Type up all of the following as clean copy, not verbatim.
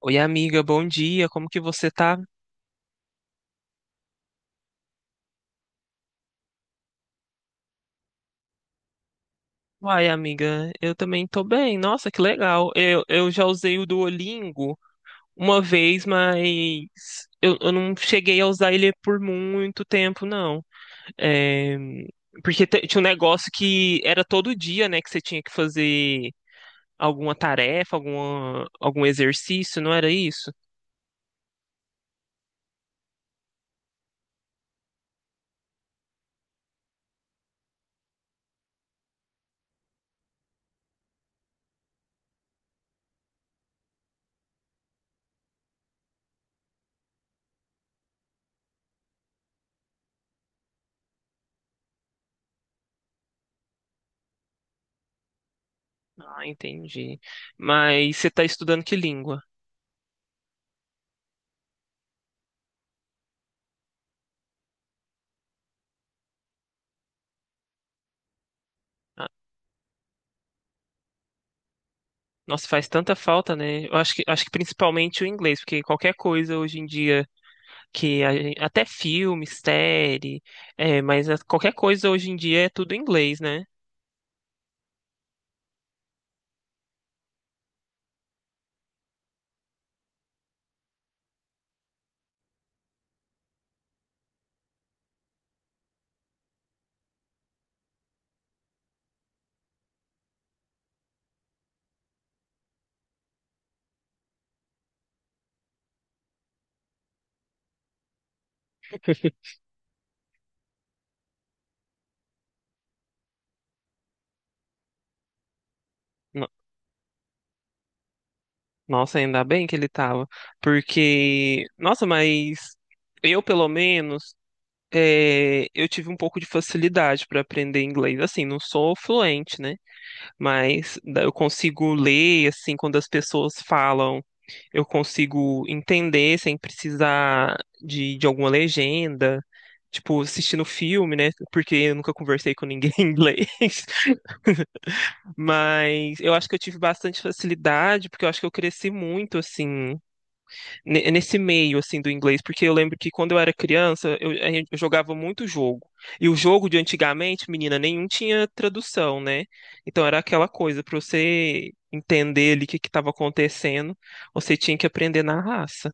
Oi, amiga, bom dia. Como que você tá? Uai, amiga, eu também tô bem. Nossa, que legal. Eu já usei o Duolingo uma vez, mas eu não cheguei a usar ele por muito tempo, não. É, porque tinha um negócio que era todo dia, né, que você tinha que fazer alguma tarefa, algum exercício, não era isso? Ah, entendi. Mas você tá estudando que língua? Nossa, faz tanta falta, né? Acho que principalmente o inglês, porque qualquer coisa hoje em dia que até filme, série, qualquer coisa hoje em dia é tudo em inglês, né? No- Nossa, ainda bem que ele tava, porque, nossa, mas eu pelo menos eu tive um pouco de facilidade para aprender inglês. Assim, não sou fluente, né? Mas eu consigo ler, assim, quando as pessoas falam, eu consigo entender sem precisar de alguma legenda. Tipo, assistindo filme, né? Porque eu nunca conversei com ninguém em inglês. Mas eu acho que eu tive bastante facilidade, porque eu acho que eu cresci muito, assim, nesse meio assim do inglês, porque eu lembro que quando eu era criança, eu jogava muito jogo. E o jogo de antigamente, menina, nenhum tinha tradução, né? Então era aquela coisa, para você entender ali o que que estava acontecendo, você tinha que aprender na raça.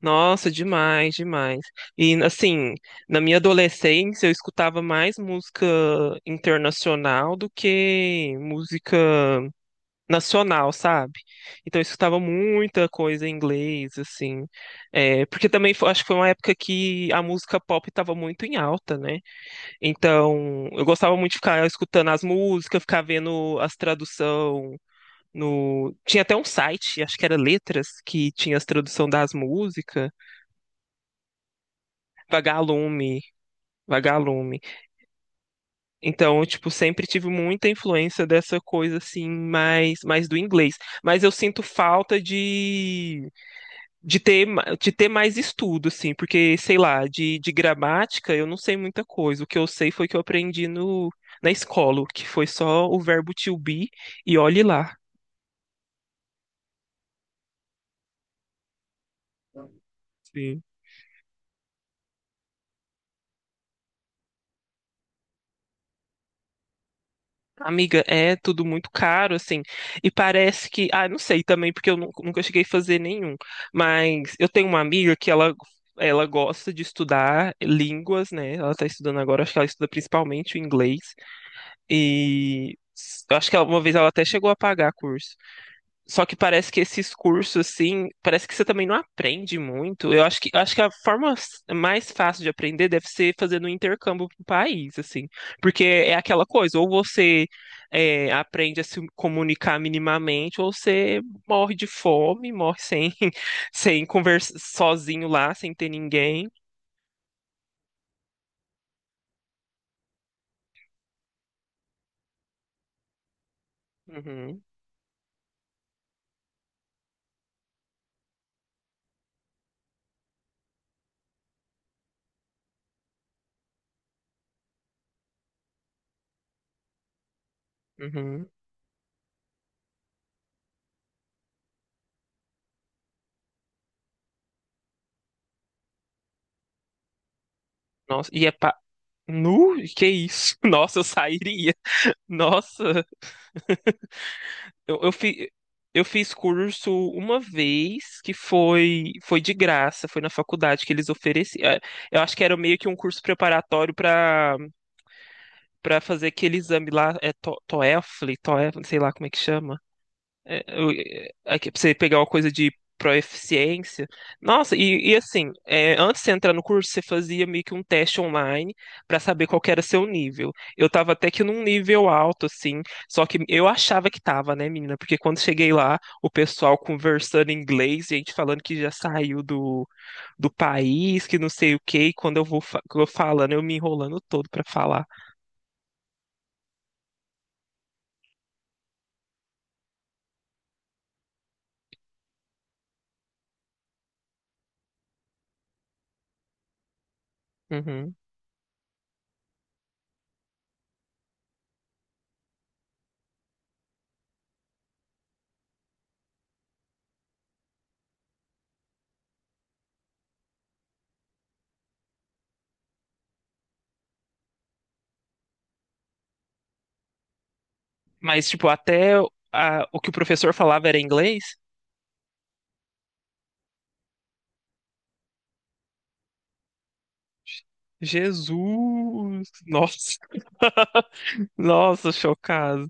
Nossa, demais, demais. E assim, na minha adolescência eu escutava mais música internacional do que música nacional, sabe? Então eu escutava muita coisa em inglês, assim. É, porque também acho que foi uma época que a música pop estava muito em alta, né? Então eu gostava muito de ficar escutando as músicas, ficar vendo as traduções. No... Tinha até um site, acho que era Letras, que tinha as tradução das músicas. Vagalume, Vagalume. Então, eu, tipo, sempre tive muita influência dessa coisa, assim, mais do inglês. Mas eu sinto falta de de ter mais estudo, assim, porque, sei lá, de gramática eu não sei muita coisa. O que eu sei foi que eu aprendi no, na escola, que foi só o verbo to be e olhe lá. Sim. Amiga, é tudo muito caro, assim, e parece que, ah, não sei também, porque eu nunca cheguei a fazer nenhum, mas eu tenho uma amiga que ela gosta de estudar línguas, né? Ela tá estudando agora, acho que ela estuda principalmente o inglês, e eu acho que uma vez ela até chegou a pagar curso. Só que parece que esses cursos, assim, parece que você também não aprende muito. Acho que a forma mais fácil de aprender deve ser fazendo um intercâmbio para o país, assim. Porque é aquela coisa, ou você aprende a se comunicar minimamente, ou você morre de fome, morre sem, sem conversar sozinho lá, sem ter ninguém. Uhum, uhum. Nossa, e é. Nu? Que isso? Nossa, eu sairia. Nossa. Eu, eu, fi, eu fiz curso uma vez que foi de graça, foi na faculdade que eles ofereciam. É, eu acho que era meio que um curso preparatório para fazer aquele exame lá, TOEFL, TOEFL, não sei lá como é que chama. É, é, aqui, pra você pegar uma coisa de proeficiência. Nossa, e assim, é, antes de você entrar no curso, você fazia meio que um teste online pra saber qual que era seu nível. Eu tava até que num nível alto, assim, só que eu achava que tava, né, menina? Porque quando cheguei lá, o pessoal conversando em inglês, gente falando que já saiu do país, que não sei o quê, e quando eu vou eu falando, eu me enrolando todo pra falar. Uhum. Mas, tipo, até o que o professor falava era inglês. Jesus! Nossa, nossa, chocado.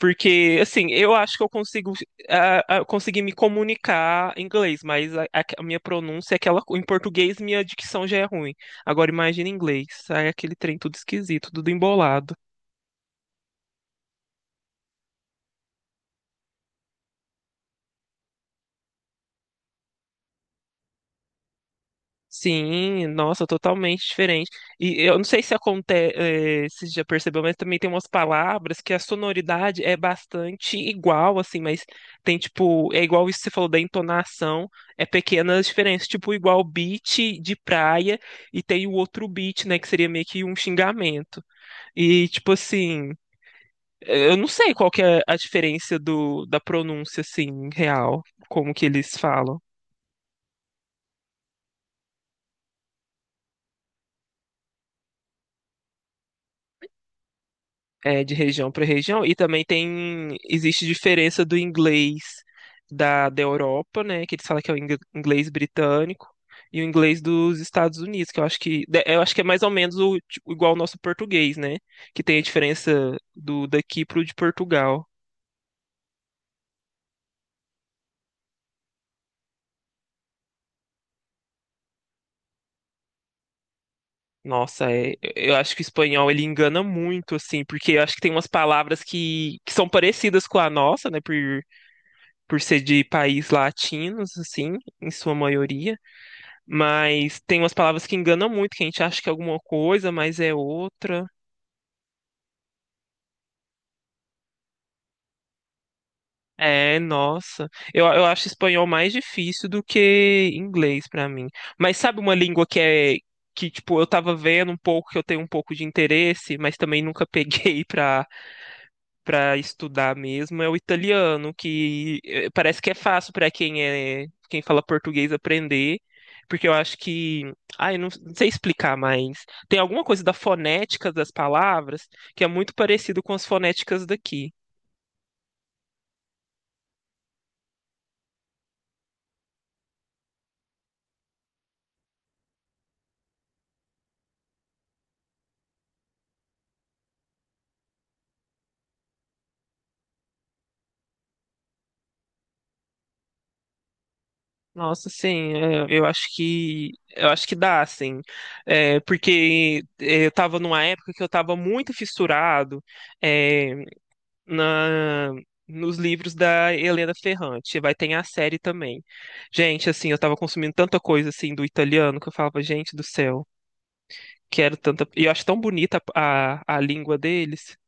Porque, assim, eu acho que eu consigo conseguir me comunicar em inglês, mas a minha pronúncia é aquela. Em português, minha dicção já é ruim. Agora, imagina em inglês. Sai aquele trem tudo esquisito, tudo embolado. Sim, nossa, totalmente diferente. E eu não sei se acontece, se já percebeu, mas também tem umas palavras que a sonoridade é bastante igual, assim, mas tem tipo, é igual isso que você falou da entonação, é pequenas diferenças, tipo, igual beat de praia e tem o outro beat, né, que seria meio que um xingamento. E tipo assim, eu não sei qual que é a diferença da pronúncia, assim, real, como que eles falam. É, de região para região, e também tem existe diferença do inglês da Europa, né, que eles falam que é o inglês britânico, e o inglês dos Estados Unidos, que eu acho que eu acho que é mais ou menos o, tipo, igual ao nosso português, né, que tem a diferença do daqui pro de Portugal. Nossa, eu acho que o espanhol ele engana muito, assim, porque eu acho que tem umas palavras que são parecidas com a nossa, né, por ser de país latinos, assim, em sua maioria. Mas tem umas palavras que enganam muito, que a gente acha que é alguma coisa, mas é outra. É, nossa. Eu acho espanhol mais difícil do que inglês pra mim. Mas sabe uma língua que tipo eu tava vendo um pouco, que eu tenho um pouco de interesse, mas também nunca peguei pra para estudar mesmo é o italiano, que parece que é fácil para quem quem fala português aprender, porque eu acho que, ai, não, não sei explicar, mas tem alguma coisa da fonética das palavras que é muito parecido com as fonéticas daqui. Nossa, sim, é, eu acho que dá, sim. Eu estava numa época que eu estava muito fissurado, é, na nos livros da Helena Ferrante. Vai ter a série também. Gente, assim, eu tava consumindo tanta coisa assim do italiano que eu falava, gente do céu, quero tanta. E eu acho tão bonita a língua deles.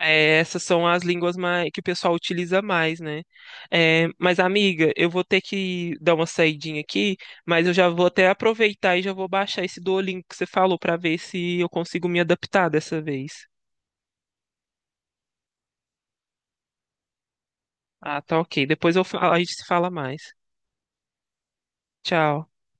É, essas são as línguas mais, que o pessoal utiliza mais, né? É, mas, amiga, eu vou ter que dar uma saidinha aqui, mas eu já vou até aproveitar e já vou baixar esse Duolingo que você falou pra ver se eu consigo me adaptar dessa vez. Ah, tá ok. Depois eu a gente se fala mais. Tchau.